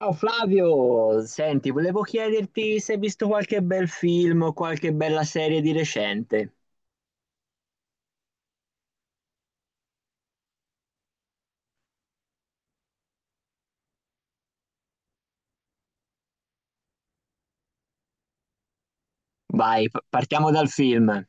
Ciao Flavio, senti, volevo chiederti se hai visto qualche bel film o qualche bella serie di recente. Vai, partiamo dal film.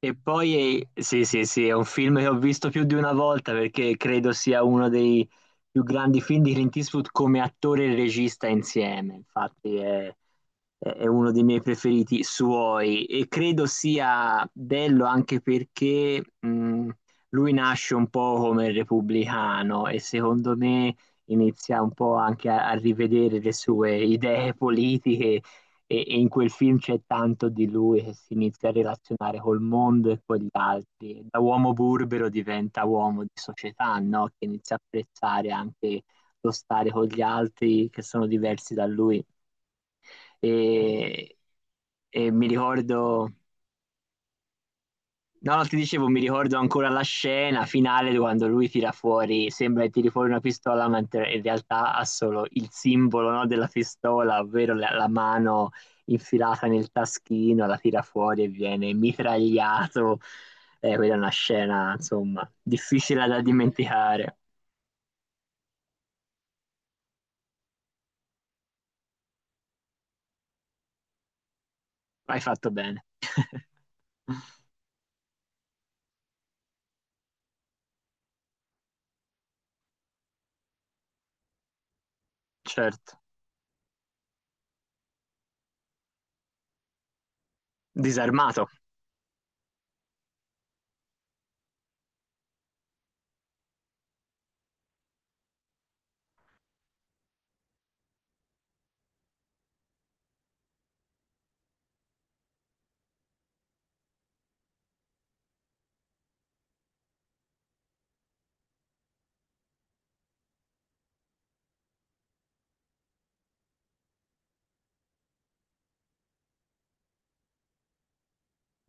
E poi, sì, sì, sì, è un film che ho visto più di una volta perché credo sia uno dei più grandi film di Clint Eastwood come attore e regista insieme. Infatti è uno dei miei preferiti suoi e credo sia bello anche perché lui nasce un po' come repubblicano e secondo me inizia un po' anche a rivedere le sue idee politiche e in quel film c'è tanto di lui che si inizia a relazionare col mondo e con gli altri. Da uomo burbero diventa uomo di società, no? Che inizia a apprezzare anche lo stare con gli altri che sono diversi da lui. E, e mi ricordo. No, no, ti dicevo, mi ricordo ancora la scena finale quando lui tira fuori, sembra che tiri fuori una pistola, mentre in realtà ha solo il simbolo, no, della pistola, ovvero la mano infilata nel taschino, la tira fuori e viene mitragliato. Quella è una scena, insomma, difficile da dimenticare. Hai fatto bene. Certo, disarmato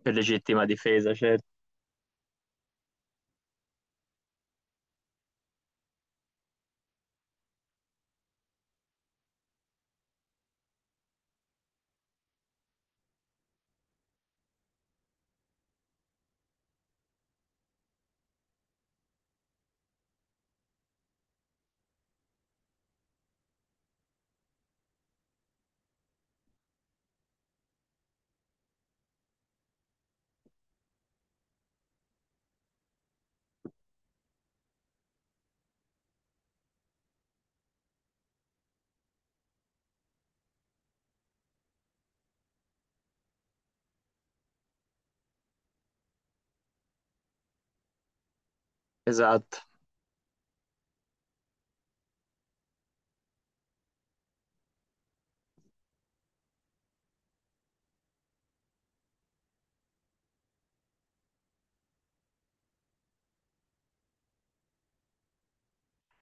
per legittima difesa, certo. Esatto.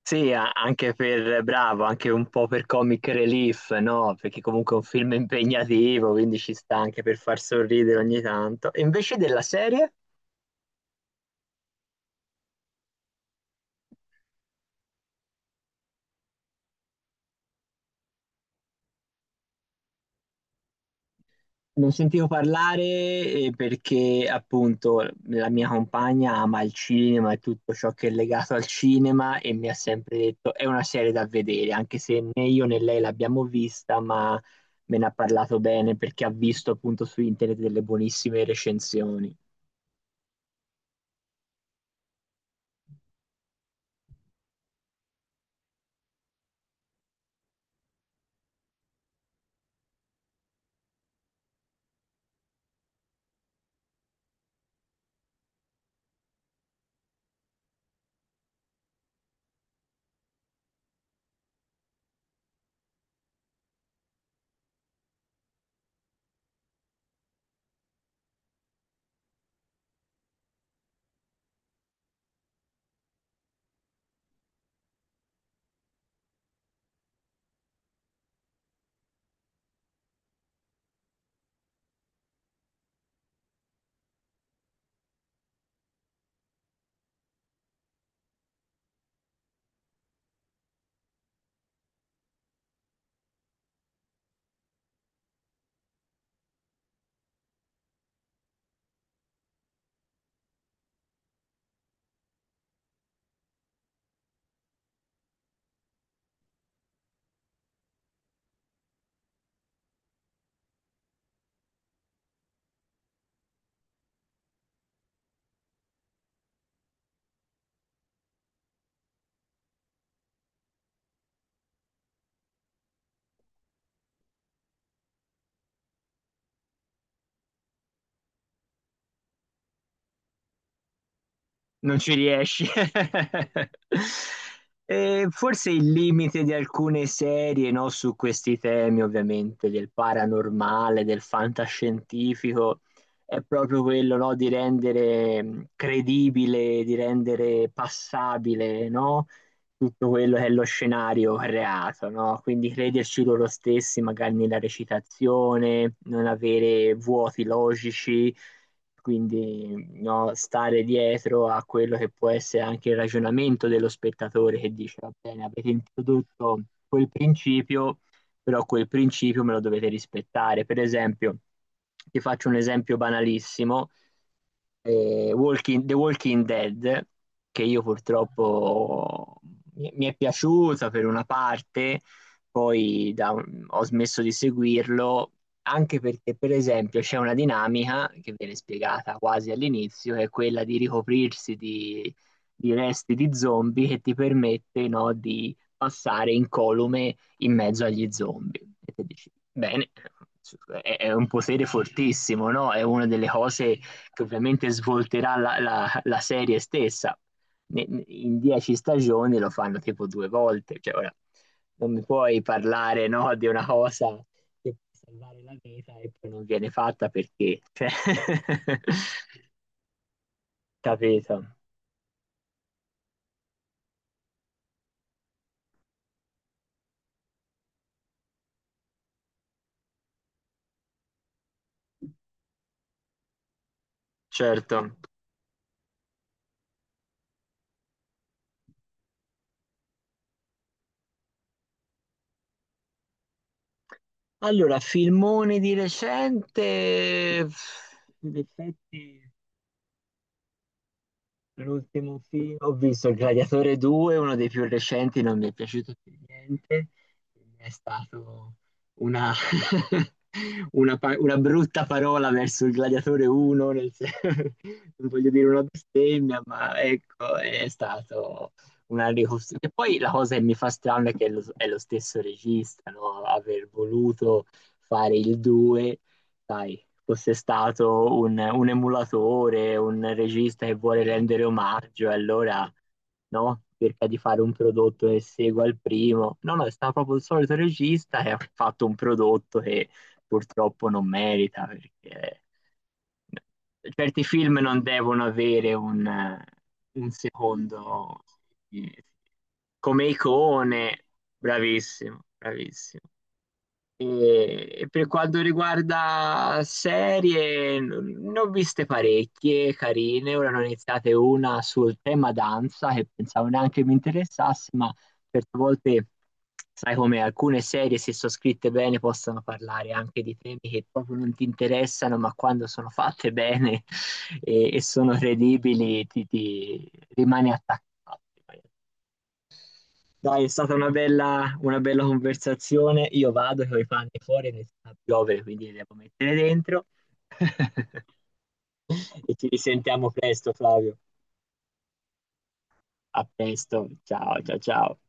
Sì, anche per bravo, anche un po' per comic relief, no? Perché comunque è un film impegnativo, quindi ci sta anche per far sorridere ogni tanto. E invece della serie? Non sentivo parlare perché appunto la mia compagna ama il cinema e tutto ciò che è legato al cinema e mi ha sempre detto è una serie da vedere, anche se né io né lei l'abbiamo vista, ma me ne ha parlato bene perché ha visto appunto su internet delle buonissime recensioni. Non ci riesci. E forse il limite di alcune serie, no, su questi temi, ovviamente, del paranormale, del fantascientifico, è proprio quello, no, di rendere credibile, di rendere passabile, no, tutto quello che è lo scenario creato, no? Quindi crederci loro stessi, magari nella recitazione, non avere vuoti logici quindi no, stare dietro a quello che può essere anche il ragionamento dello spettatore che dice, va bene, avete introdotto quel principio, però quel principio me lo dovete rispettare. Per esempio, ti faccio un esempio banalissimo The Walking Dead, che io purtroppo mi è piaciuta per una parte, poi ho smesso di seguirlo, anche perché, per esempio, c'è una dinamica che viene spiegata quasi all'inizio, che è quella di ricoprirsi di, resti di zombie che ti permette, no, di passare incolume in mezzo agli zombie. E te dici, bene, è un potere fortissimo, no? È una delle cose che ovviamente svolterà la serie stessa. In 10 stagioni lo fanno tipo 2 volte, cioè ora non mi puoi parlare, no, di una cosa che può salvare la vita e poi non viene fatta perché, cioè, capito? Certo. Allora, filmone di recente, in effetti. L'ultimo film, ho visto Il Gladiatore 2, uno dei più recenti, non mi è piaciuto per niente, è stato una, una brutta parola verso il Gladiatore 1, non voglio dire una bestemmia, ma ecco, è stato una ricostruzione. E poi la cosa che mi fa strano è che è lo stesso regista, no? Aver voluto fare il 2, sai, fosse stato un emulatore, un regista che vuole rendere omaggio, e allora no? Cerca di fare un prodotto che segua il primo. No, no, è stato proprio il solito regista che ha fatto un prodotto che purtroppo non merita perché certi film non devono avere un secondo eh, come icone. Bravissimo, bravissimo. E per quanto riguarda serie, ne ho viste parecchie carine. Ora ne ho iniziate una sul tema danza che pensavo neanche mi interessasse, ma certe volte sai come alcune serie, se sono scritte bene, possono parlare anche di temi che proprio non ti interessano, ma quando sono fatte bene e sono credibili, ti rimani attaccato. Dai, è stata una bella conversazione. Io vado che ho i panni fuori, inizia a piovere, quindi li devo mettere dentro. E ci risentiamo presto, Flavio. A presto. Ciao, ciao, ciao.